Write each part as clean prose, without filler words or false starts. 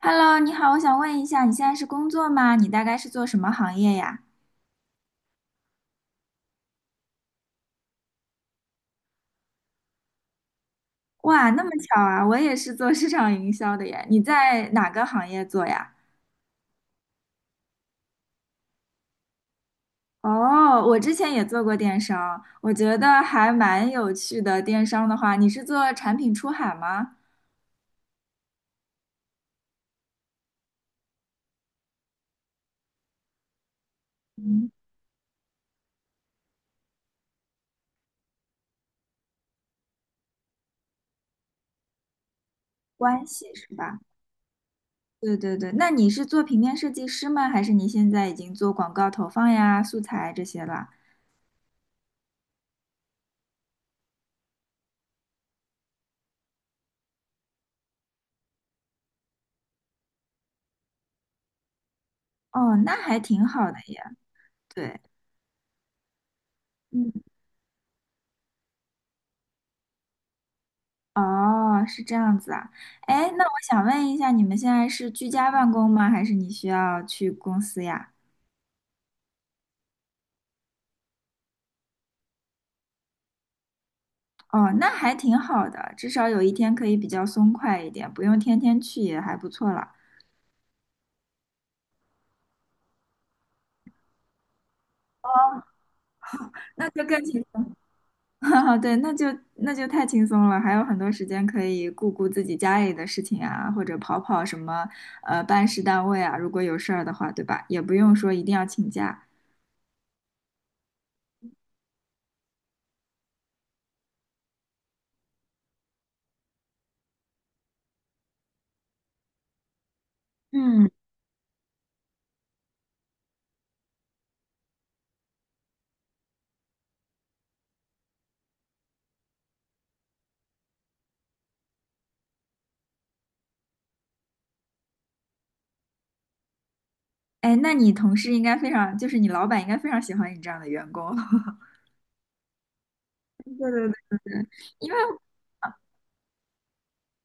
Hello，你好，我想问一下，你现在是工作吗？你大概是做什么行业呀？哇，那么巧啊，我也是做市场营销的耶。你在哪个行业做呀？哦，我之前也做过电商，我觉得还蛮有趣的。电商的话，你是做产品出海吗？嗯，关系是吧？对对对，那你是做平面设计师吗？还是你现在已经做广告投放呀、素材这些了？哦，那还挺好的耶。对。嗯哦，是这样子啊。哎，那我想问一下，你们现在是居家办公吗？还是你需要去公司呀？哦，那还挺好的，至少有一天可以比较松快一点，不用天天去也还不错了。哦，那就更轻松，对，那就太轻松了，还有很多时间可以顾顾自己家里的事情啊，或者跑跑什么办事单位啊，如果有事儿的话，对吧？也不用说一定要请假。嗯。哎，那你同事应该非常，就是你老板应该非常喜欢你这样的员工。对对对对对，因为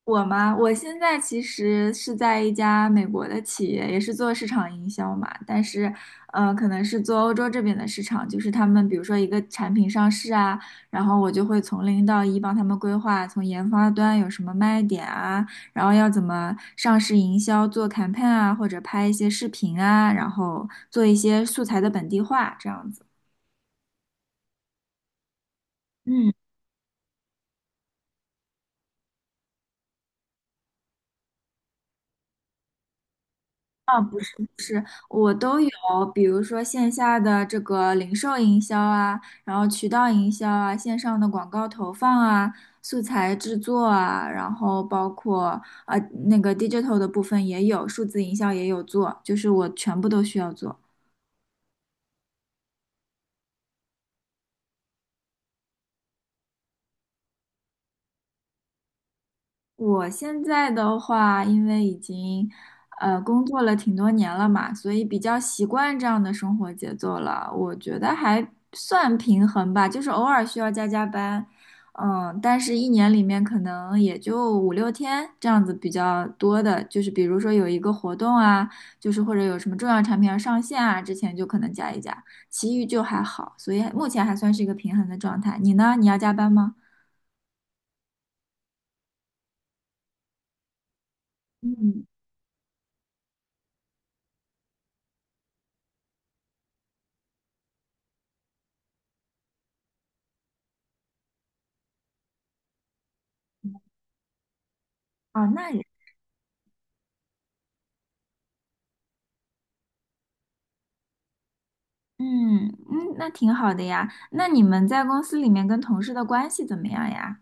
我嘛，我现在其实是在一家美国的企业，也是做市场营销嘛，但是，可能是做欧洲这边的市场，就是他们比如说一个产品上市啊，然后我就会从零到一帮他们规划，从研发端有什么卖点啊，然后要怎么上市营销，做 campaign 啊，或者拍一些视频啊，然后做一些素材的本地化，这样子。嗯。啊，不是，我都有，比如说线下的这个零售营销啊，然后渠道营销啊，线上的广告投放啊，素材制作啊，然后包括那个 digital 的部分也有，数字营销也有做，就是我全部都需要做。我现在的话，因为已经工作了挺多年了嘛，所以比较习惯这样的生活节奏了。我觉得还算平衡吧，就是偶尔需要加加班，嗯，但是一年里面可能也就5、6天这样子比较多的，就是比如说有一个活动啊，就是或者有什么重要产品要上线啊，之前就可能加一加，其余就还好，所以目前还算是一个平衡的状态。你呢？你要加班吗？嗯，哦，那嗯嗯，那挺好的呀。那你们在公司里面跟同事的关系怎么样呀？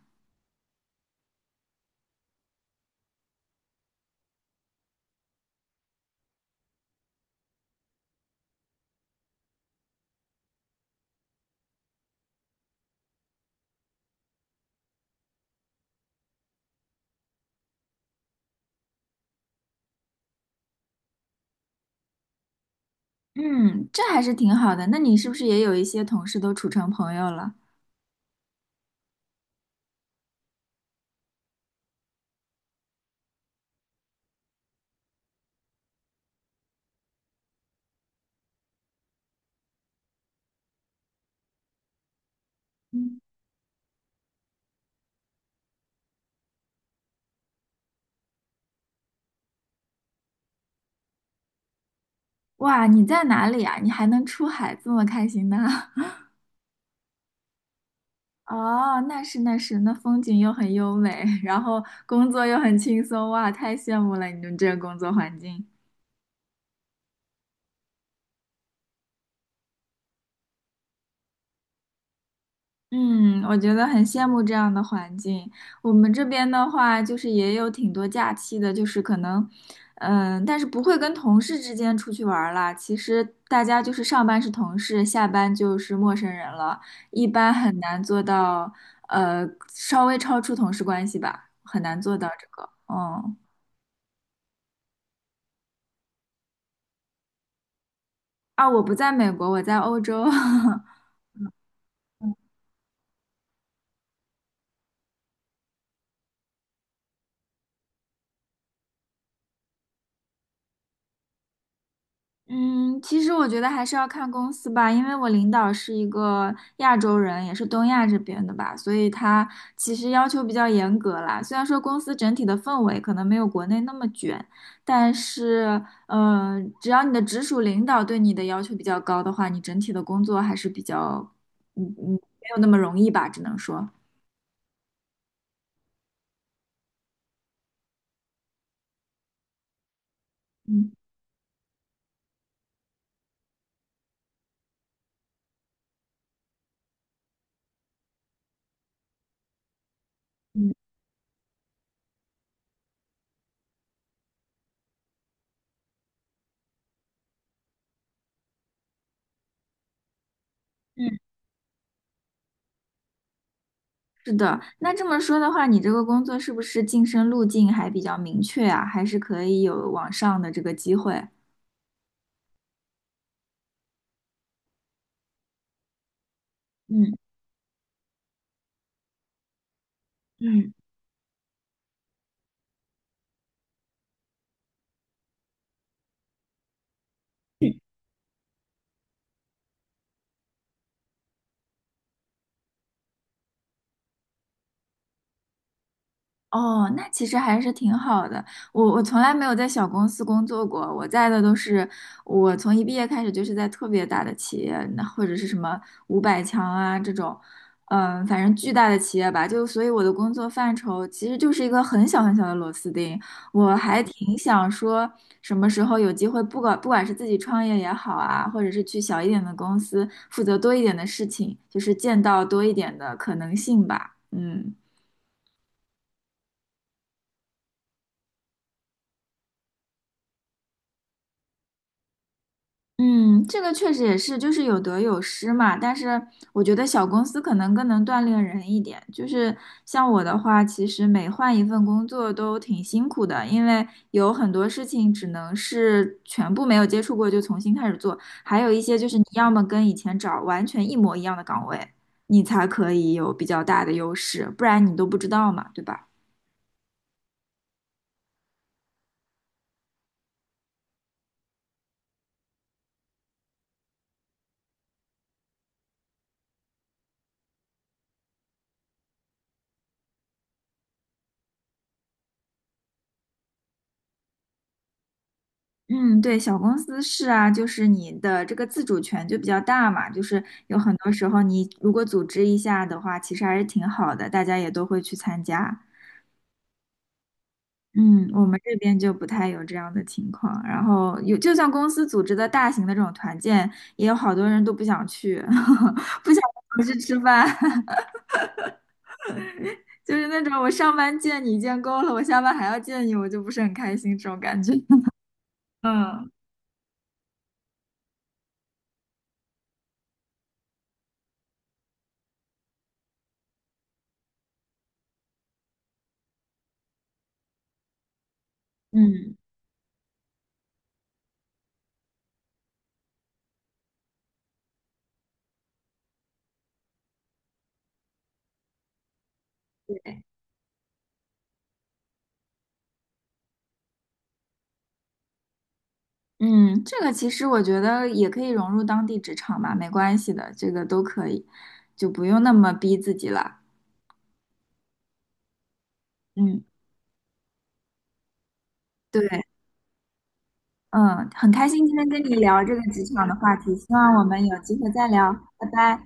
嗯，这还是挺好的。那你是不是也有一些同事都处成朋友了？嗯，哇，你在哪里呀？你还能出海这么开心呢？哦，那是那是，那风景又很优美，然后工作又很轻松，哇，太羡慕了你们这个工作环境。嗯，我觉得很羡慕这样的环境。我们这边的话，就是也有挺多假期的，就是可能，嗯，但是不会跟同事之间出去玩儿啦。其实大家就是上班是同事，下班就是陌生人了，一般很难做到，稍微超出同事关系吧，很难做到这个。嗯，啊，我不在美国，我在欧洲。嗯，其实我觉得还是要看公司吧，因为我领导是一个亚洲人，也是东亚这边的吧，所以他其实要求比较严格啦。虽然说公司整体的氛围可能没有国内那么卷，但是，嗯，只要你的直属领导对你的要求比较高的话，你整体的工作还是比较，嗯嗯，没有那么容易吧，只能说，嗯嗯嗯。是的，那这么说的话，你这个工作是不是晋升路径还比较明确啊？还是可以有往上的这个机会？嗯。嗯，哦，那其实还是挺好的。我从来没有在小公司工作过，我在的都是我从一毕业开始就是在特别大的企业，那或者是什么500强啊这种，嗯，反正巨大的企业吧。就所以我的工作范畴其实就是一个很小很小的螺丝钉。我还挺想说，什么时候有机会，不管是自己创业也好啊，或者是去小一点的公司负责多一点的事情，就是见到多一点的可能性吧。嗯。嗯，这个确实也是，就是有得有失嘛。但是我觉得小公司可能更能锻炼人一点。就是像我的话，其实每换一份工作都挺辛苦的，因为有很多事情只能是全部没有接触过就重新开始做，还有一些就是你要么跟以前找完全一模一样的岗位，你才可以有比较大的优势，不然你都不知道嘛，对吧？嗯，对，小公司是啊，就是你的这个自主权就比较大嘛，就是有很多时候你如果组织一下的话，其实还是挺好的，大家也都会去参加。嗯，我们这边就不太有这样的情况，然后有，就算公司组织的大型的这种团建，也有好多人都不想去，不想回去吃饭，就是那种我上班见你见够了，我下班还要见你，我就不是很开心这种感觉。嗯嗯，对。嗯，这个其实我觉得也可以融入当地职场吧，没关系的，这个都可以，就不用那么逼自己了。嗯，对，嗯，很开心今天跟你聊这个职场的话题，希望我们有机会再聊，拜拜。